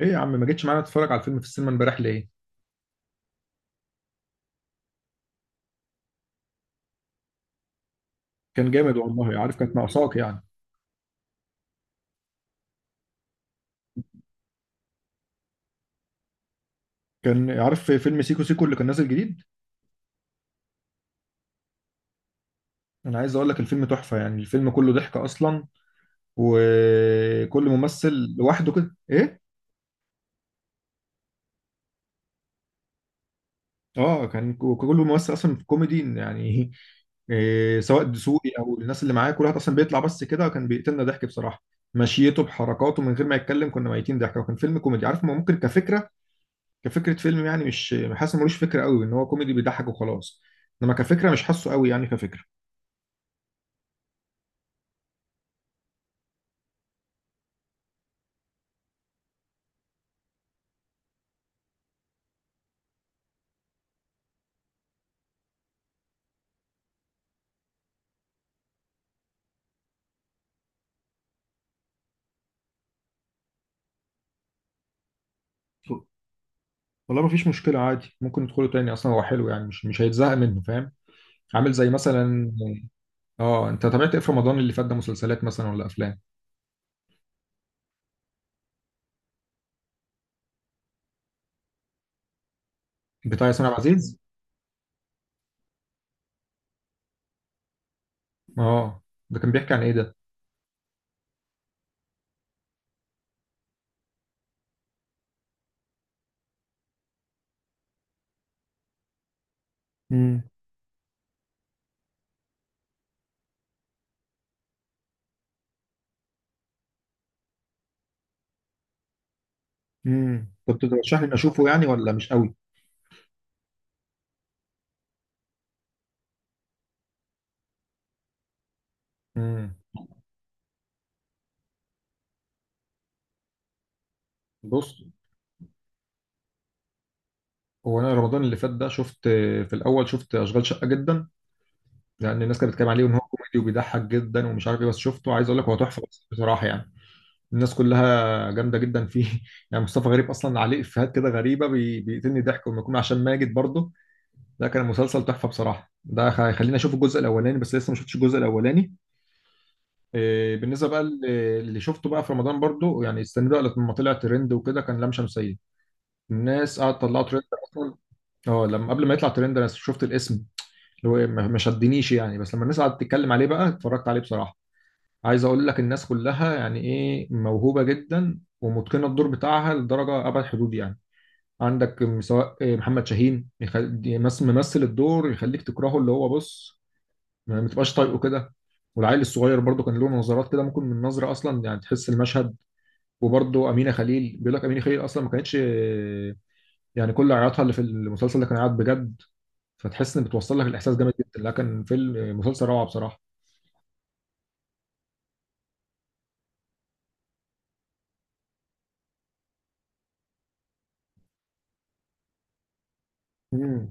ايه يا عم ما جيتش معانا تتفرج على الفيلم في السينما امبارح ليه؟ كان جامد والله، عارف كانت ناقصاك يعني. كان عارف في فيلم سيكو سيكو اللي كان نازل جديد. انا عايز اقول لك الفيلم تحفة يعني، الفيلم كله ضحك اصلا. وكل ممثل لوحده كده ايه؟ اه كان كل ممثل اصلا في كوميدي يعني سواء دسوقي او الناس اللي معاه، كل واحد اصلا بيطلع بس كده كان بيقتلنا ضحك بصراحة. مشيته بحركاته من غير ما يتكلم كنا ميتين ضحك، وكان فيلم كوميدي عارف، ما ممكن كفكرة. كفكره فيلم يعني، مش حاسس إن ملوش فكره قوي، ان هو كوميدي بيضحك وخلاص. انما كفكره مش حاسه قوي يعني كفكره. والله ما فيش مشكله، عادي ممكن ندخله تاني، اصلا هو حلو يعني مش هيتزهق منه فاهم. عامل زي مثلا. اه انت تابعت ايه في رمضان اللي فات ده؟ مسلسلات مثلا ولا افلام؟ بتاع ياسمين عبد العزيز. اه. ده كان بيحكي عن ايه ده؟ امم كنت ترشح لي إني اشوفه يعني ولا مش قوي؟ امم بص، هو انا رمضان اللي فات ده شفت. في الاول شفت اشغال شقه جدا، لان الناس كانت بتتكلم عليه ان هو كوميدي وبيضحك جدا ومش عارف ايه، بس شفته، عايز اقول لك هو تحفه بس بصراحه يعني. الناس كلها جامده جدا فيه يعني مصطفى غريب اصلا عليه افيهات كده غريبه بيقتلني ضحك، وما يكون عشان ماجد برضه. ده كان مسلسل تحفه بصراحه. ده هيخليني اشوف الجزء الاولاني، بس لسه ما شفتش الجزء الاولاني. بالنسبه بقى اللي شفته بقى في رمضان برضه، يعني استنى بقى لما طلع ترند وكده، كان لام شمسيه. الناس قعدت تطلعه ترند اصلا. اه، لما قبل ما يطلع ترند انا شفت الاسم، اللي هو ما شدنيش يعني، بس لما الناس قعدت تتكلم عليه بقى اتفرجت عليه بصراحه. عايز اقول لك الناس كلها يعني ايه، موهوبه جدا ومتقنه الدور بتاعها لدرجه ابعد حدود يعني. عندك سواء محمد شاهين، ممثل الدور يخليك تكرهه، اللي هو بص، ما تبقاش طايقه كده. والعيل الصغير برضه كان له نظرات كده، ممكن من نظره اصلا يعني تحس المشهد. وبرضه امينه خليل، بيقول لك امينه خليل اصلا ما كانتش، يعني كل عياطها اللي في المسلسل ده كان عياط بجد، فتحس ان بتوصل لك الاحساس جامد جدا، لكن فيلم مسلسل روعه بصراحه.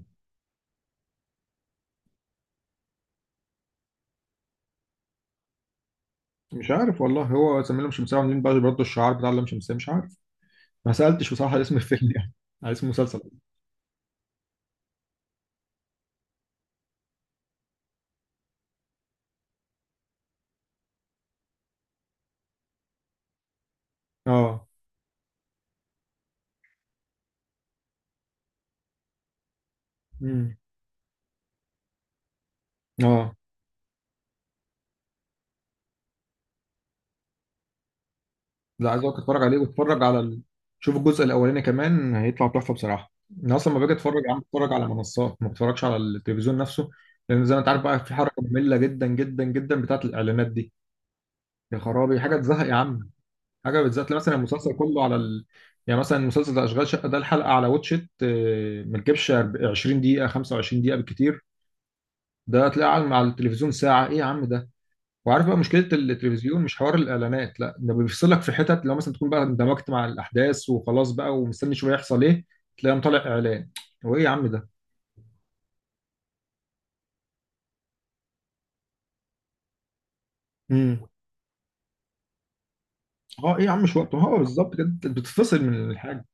مش عارف والله، هو زميله مش مسامح عاملين بقى برضه الشعار بتاع اللام شمسية، مش عارف، ما سألتش بصراحة على اسم الفيلم يعني على اسم المسلسل. اه. امم. اه. لا عايز اقولك اتفرج عليه، واتفرج على ال. شوف الجزء الاولاني كمان هيطلع تحفة بصراحة. انا اصلا لما باجي اتفرج عم اتفرج على منصات، ما بتفرجش على التلفزيون نفسه، لان زي ما انت عارف بقى، في حركة مملة جدا جدا جدا بتاعت الاعلانات دي. يا خرابي، حاجة تزهق يا عم. حاجة بتزهق، تلاقي مثلا المسلسل كله على ال. يعني مثلا مسلسل ده اشغال شقة ده، الحلقة على واتشت ما تجيبش 20 دقيقة 25 دقيقة بالكتير، ده تلاقيه على التلفزيون ساعة، ايه يا عم ده. وعارف بقى مشكلة التلفزيون، مش حوار الإعلانات لا، ده بيفصلك في حتت، لو مثلا تكون بقى اندمجت مع الأحداث وخلاص بقى ومستني شوية يحصل ايه، تلاقيه طالع إعلان. هو ايه يا عم ده. امم. اه ايه يا عم مش وقته، هو بالظبط كده أنت بتتفصل من الحاجة.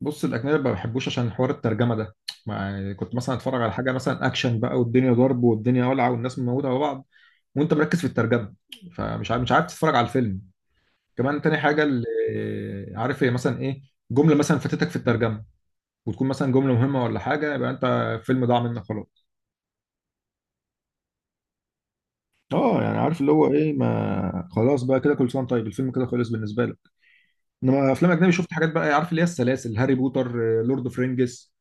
بص، الأجنبي ما بحبوش عشان حوار الترجمة ده، ما يعني كنت مثلا اتفرج على حاجة مثلا أكشن بقى والدنيا ضرب والدنيا ولعة والناس مموتة على بعض، وأنت مركز في الترجمة، فمش عارف مش عارف تتفرج على الفيلم. كمان تاني حاجه، اللي عارف، هي مثلا ايه جمله مثلا فاتتك في الترجمه، وتكون مثلا جمله مهمه ولا حاجه، يبقى انت الفيلم ضاع منك خلاص. اه يعني عارف اللي هو ايه، ما خلاص بقى كده، كل سنه وأنت طيب، الفيلم كده خلص بالنسبه لك. انما افلام اجنبي شفت حاجات بقى، عارف اللي هي السلاسل، هاري بوتر، لورد اوف رينجز.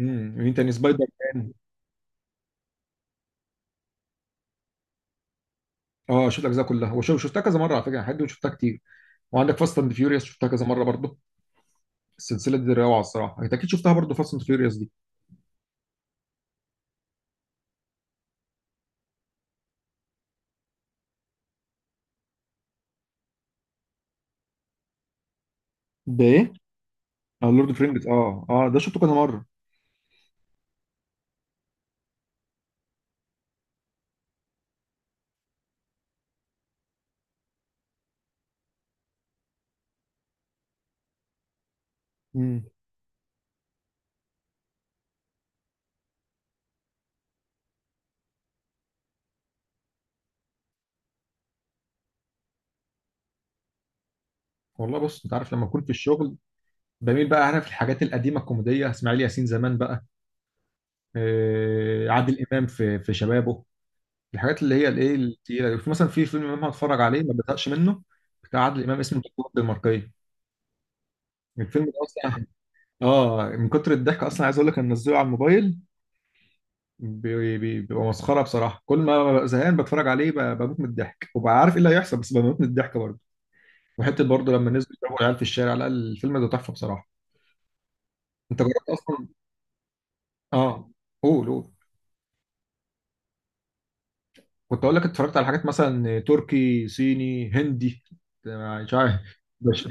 امم، مين تاني، سبايدر مان. اه شفت الاجزاء كلها، وشو شفتها كذا مره على فكره، حد شفتها كتير. وعندك فاست اند فيوريوس شفتها كذا مره برضه، السلسله دي روعه الصراحه، انت اكيد شفتها برضه فاست اند فيوريوس دي. ده ايه؟ اه لورد اوف رينجز، اه اه ده شفته كذا مره. مم. والله بص، انت عارف لما اكون في الشغل، بميل بقى، عارف الحاجات القديمه الكوميديه، اسماعيل ياسين زمان بقى، عادل امام في شبابه، الحاجات اللي هي الايه التقيله، في مثلا في فيلم امام هتفرج عليه ما بزهقش منه. بتاع عادل امام اسمه الدكتور الدنماركيه، الفيلم ده اصلا. اه من كتر الضحك اصلا عايز اقول لك انا منزله على الموبايل، بيبقى مسخره بصراحه، كل ما ببقى زهقان بتفرج عليه بموت من الضحك، وببقى عارف ايه اللي هيحصل بس بموت من الضحك برضه. وحته برضه لما نزلوا يضربوا العيال في الشارع، لا الفيلم ده تحفه بصراحه. انت جربت اصلا. اه. قول قول. كنت اقول لك، اتفرجت على حاجات مثلا تركي صيني هندي مش عارف؟ مش-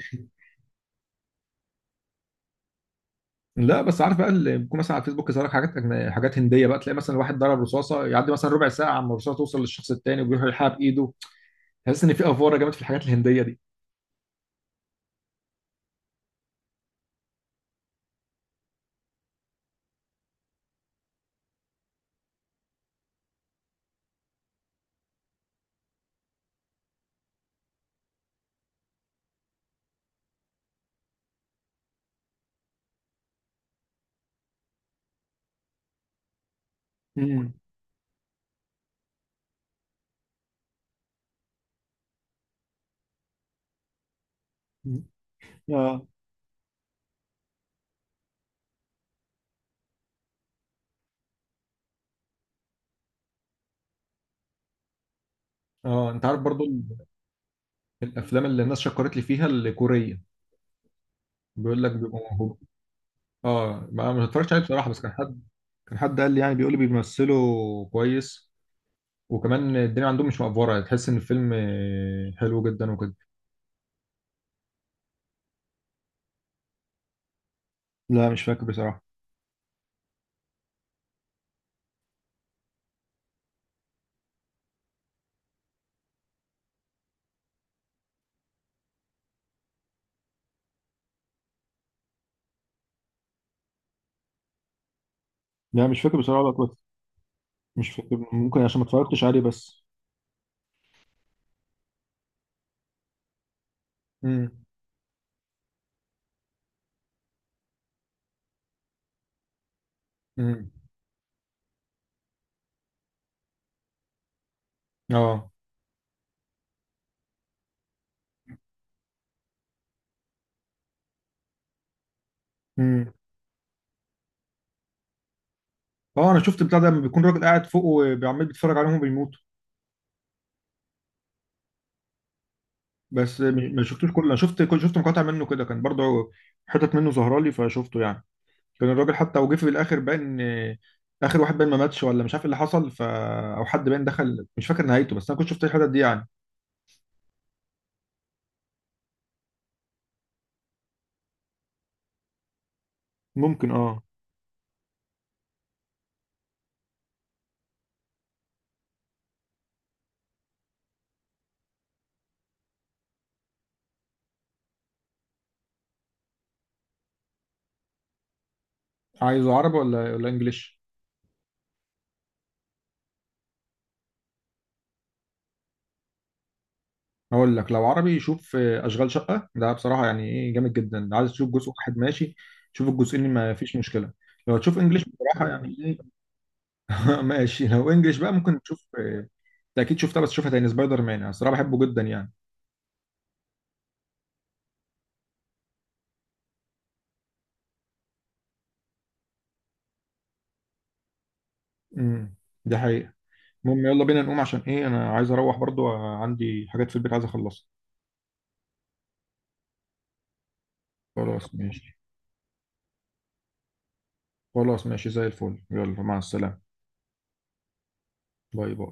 لا بس عارف بقى اللي بيكون مثلا على الفيسبوك، يظهر لك حاجات حاجات هنديه بقى، تلاقي مثلا واحد ضرب رصاصه، يعدي مثلا ربع ساعه عما الرصاصه توصل للشخص التاني وبيروح يلحقها بايده. تحس ان في افوره جامد في الحاجات الهنديه دي. مم. اه. اه انت عارف برضو الافلام اللي الناس شكرت لي فيها الكوريه، بيقول لك بيبقوا موهوب. اه ما اتفرجتش عليه بصراحه، بس كان حد، كان حد قال لي يعني، بيقول لي بيمثلوا كويس، وكمان الدنيا عندهم مش مقفوره، تحس ان الفيلم حلو جدا وكده. لا مش فاكر بصراحة. لا مش فاكر بصراحة بقى كويس. مش فاكر، ممكن عشان ما اتفرجتش عليه بس. امم. امم. اه. امم. اه انا شفت بتاع ده لما بيكون راجل قاعد فوق وعمال بيتفرج عليهم وبيموتوا. بس ما شفتوش كله، انا شفت كل شفت مقاطع منه كده، كان برضه حتت منه ظاهره لي فشفته يعني. كان الراجل حتى وجه في الاخر باين اخر واحد باين ما ماتش، ولا مش عارف ايه اللي حصل، ف او حد باين دخل، مش فاكر نهايته، بس انا كنت شفت الحتت دي يعني. ممكن اه. عايزه عربي ولا انجليش؟ هقول لك لو عربي شوف اشغال شقه ده بصراحه يعني ايه، جامد جدا، عايز تشوف جزء واحد ماشي، شوف الجزئين ما فيش مشكله. لو تشوف انجليش بصراحه يعني ايه ماشي لو انجليش بقى، ممكن تشوف انت اكيد شفتها بس شوفها تاني، سبايدر مان، انا الصراحه بحبه جدا يعني. امم. دي حقيقه. المهم يلا بينا نقوم، عشان ايه انا عايز اروح برضو، عندي حاجات في البيت عايز اخلصها. خلاص ماشي. خلاص ماشي، زي الفل، يلا مع السلامه. باي باي.